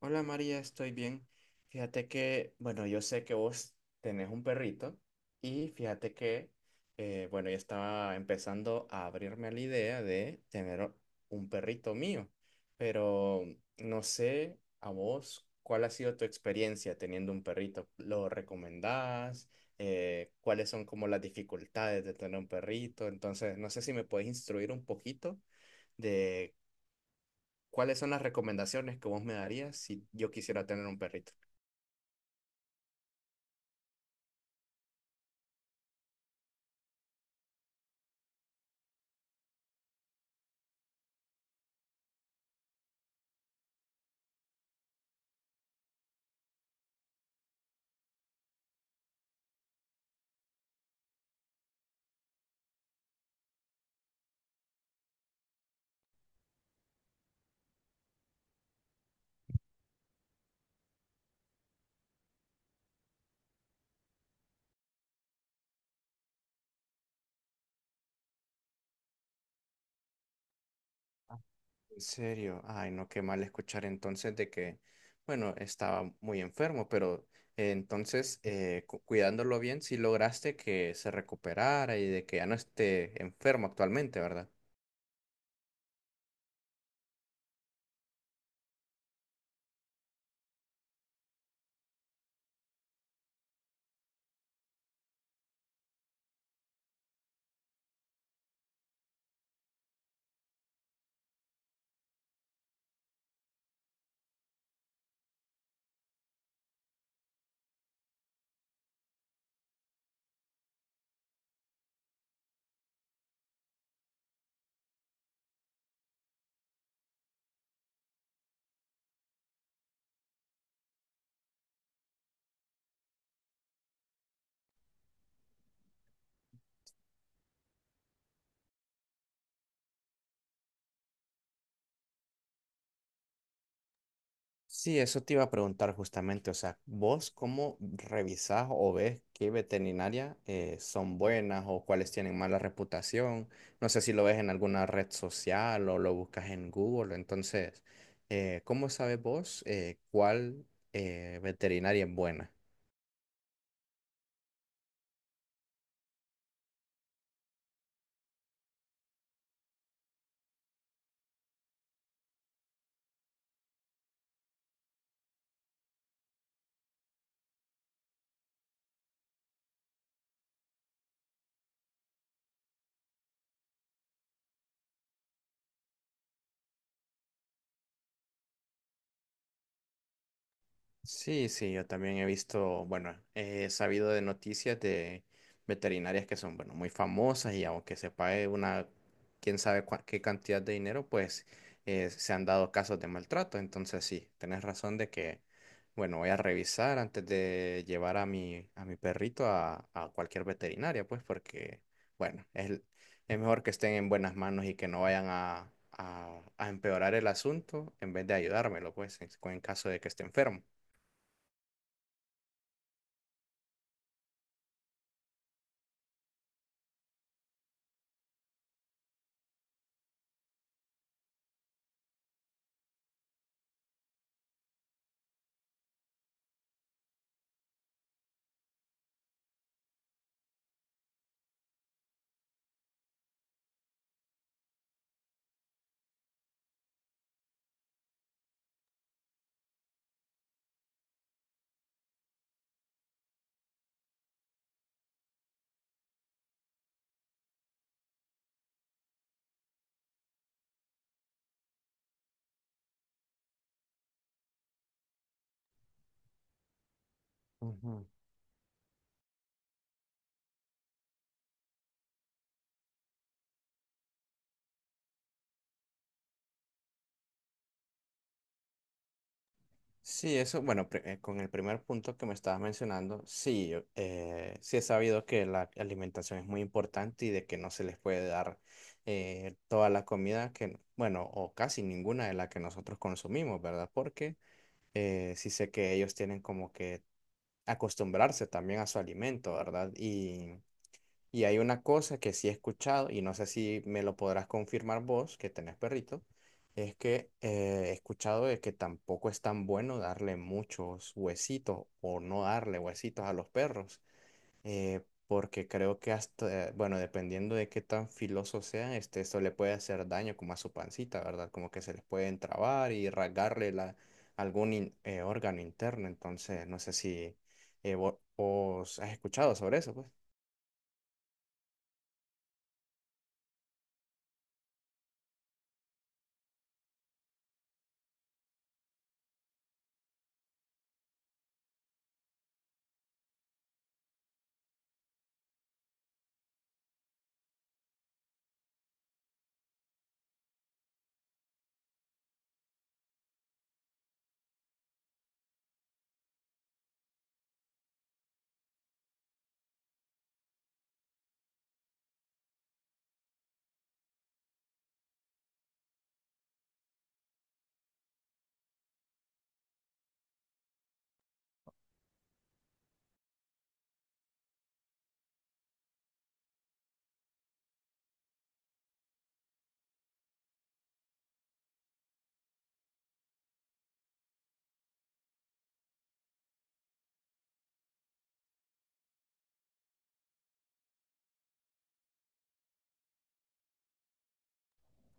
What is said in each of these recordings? Hola María, estoy bien. Fíjate que, bueno, yo sé que vos tenés un perrito y fíjate que, bueno, yo estaba empezando a abrirme a la idea de tener un perrito mío, pero no sé a vos cuál ha sido tu experiencia teniendo un perrito. ¿Lo recomendás? ¿Cuáles son como las dificultades de tener un perrito? Entonces, no sé si me puedes instruir un poquito de ¿cuáles son las recomendaciones que vos me darías si yo quisiera tener un perrito? Ah, en serio, ay, no, qué mal escuchar entonces de que, bueno, estaba muy enfermo, pero entonces cuidándolo bien, sí lograste que se recuperara y de que ya no esté enfermo actualmente, ¿verdad? Sí, eso te iba a preguntar justamente, o sea, ¿vos cómo revisás o ves qué veterinarias son buenas o cuáles tienen mala reputación? No sé si lo ves en alguna red social o lo buscas en Google, entonces, ¿cómo sabes vos cuál veterinaria es buena? Sí, sí, yo también he visto, bueno, he sabido de noticias de veterinarias que son, bueno, muy famosas y aunque se pague una, quién sabe qué cantidad de dinero, pues se han dado casos de maltrato. Entonces sí, tenés razón de que, bueno, voy a revisar antes de llevar a a mi perrito a cualquier veterinaria, pues porque, bueno, es mejor que estén en buenas manos y que no vayan a empeorar el asunto en vez de ayudármelo, pues, en caso de que esté enfermo. Ujú. Sí, eso, bueno, con el primer punto que me estabas mencionando, sí, yo, sí he sabido que la alimentación es muy importante y de que no se les puede dar toda la comida que, bueno, o casi ninguna de la que nosotros consumimos, ¿verdad? Porque sí sé que ellos tienen como que acostumbrarse también a su alimento, ¿verdad? Y hay una cosa que sí he escuchado, y no sé si me lo podrás confirmar vos, que tenés perrito, es que he escuchado de que tampoco es tan bueno darle muchos huesitos o no darle huesitos a los perros, eh, porque creo que hasta, bueno, dependiendo de qué tan filosos sean, este, eso le puede hacer daño como a su pancita, ¿verdad? Como que se les puede entrabar y rasgarle la, órgano interno, entonces no sé si vos has escuchado sobre eso, pues.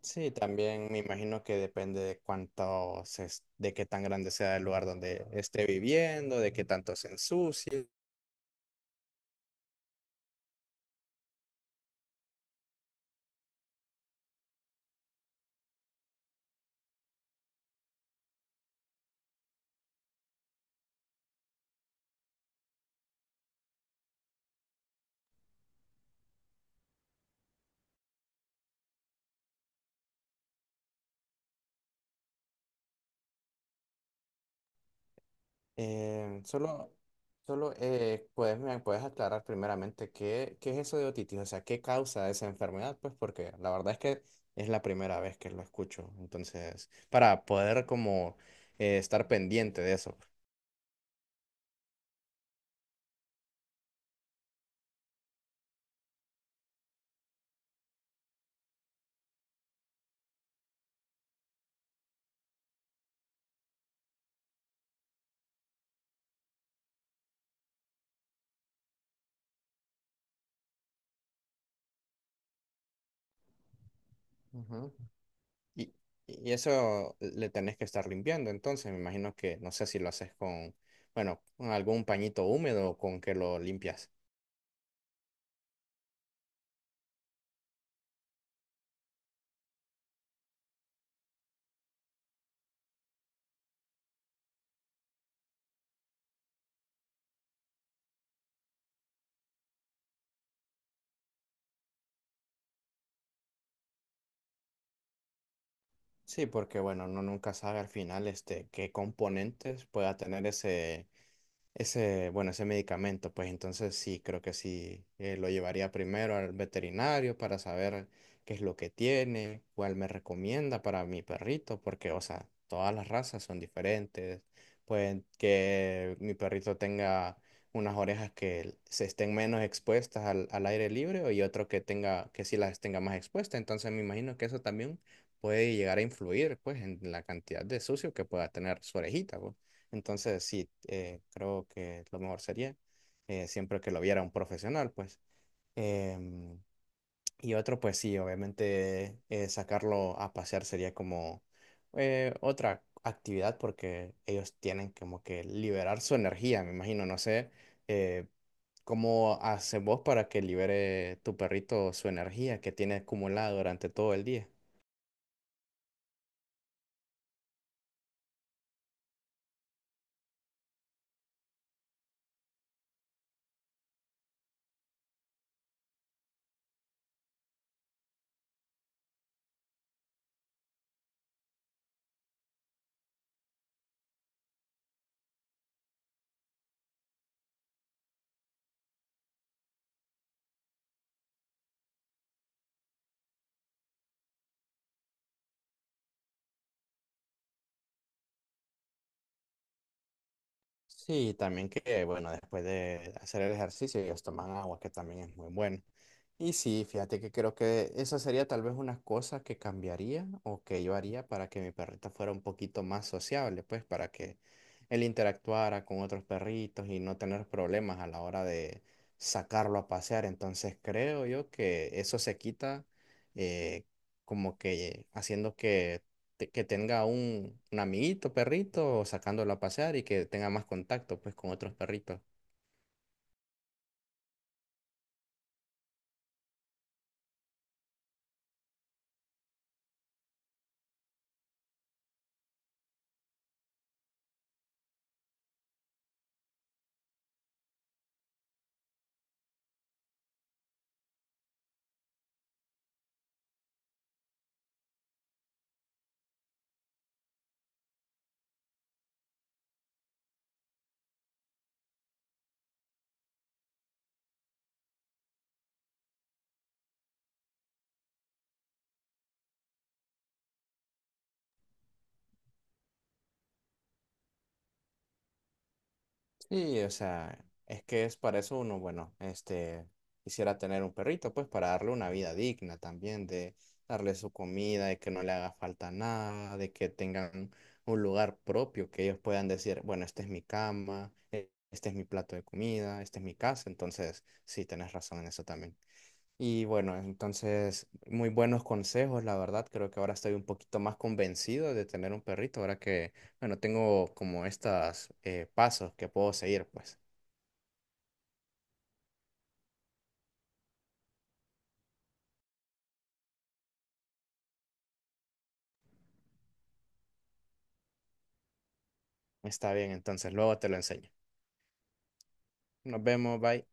Sí, también me imagino que depende de cuánto de qué tan grande sea el lugar donde esté viviendo, de qué tanto se ensucie. Eh, solo, solo puedes, me puedes aclarar primeramente qué, qué es eso de otitis, o sea, qué causa esa enfermedad, pues porque la verdad es que es la primera vez que lo escucho, entonces, para poder como estar pendiente de eso. Y, y eso le tenés que estar limpiando, entonces me imagino que no sé si lo haces con, bueno, con algún pañito húmedo o con que lo limpias. Sí, porque bueno, uno nunca sabe al final este qué componentes pueda tener ese ese, bueno, ese medicamento, pues entonces sí, creo que sí, lo llevaría primero al veterinario para saber qué es lo que tiene, cuál me recomienda para mi perrito, porque, o sea, todas las razas son diferentes. Pueden que mi perrito tenga unas orejas que se estén menos expuestas al aire libre y otro que tenga, que sí las tenga más expuestas. Entonces me imagino que eso también puede llegar a influir, pues, en la cantidad de sucio que pueda tener su orejita, pues. Entonces, sí, creo que lo mejor sería siempre que lo viera un profesional, pues. Em, y otro, pues sí, obviamente sacarlo a pasear sería como otra actividad porque ellos tienen como que liberar su energía, me imagino, no sé. eh, ¿Cómo haces vos para que libere tu perrito su energía que tiene acumulada durante todo el día? Sí, también que, bueno, después de hacer el ejercicio, ellos toman agua, que también es muy bueno. Y sí, fíjate que creo que esa sería tal vez una cosa que cambiaría o que yo haría para que mi perrita fuera un poquito más sociable, pues para que él interactuara con otros perritos y no tener problemas a la hora de sacarlo a pasear. Entonces creo yo que eso se quita eh, como que haciendo que que tenga un amiguito perrito sacándolo a pasear y que tenga más contacto pues con otros perritos. Sí, o sea, es que es para eso uno, bueno, este, quisiera tener un perrito pues para darle una vida digna también, de darle su comida, de que no le haga falta nada, de que tengan un lugar propio, que ellos puedan decir, bueno, esta es mi cama, este es mi plato de comida, esta es mi casa, entonces sí, tenés razón en eso también. Y bueno, entonces, muy buenos consejos, la verdad. Creo que ahora estoy un poquito más convencido de tener un perrito, ahora que, bueno, tengo como estos pasos que puedo seguir, pues. Está bien, entonces luego te lo enseño. Nos vemos, bye.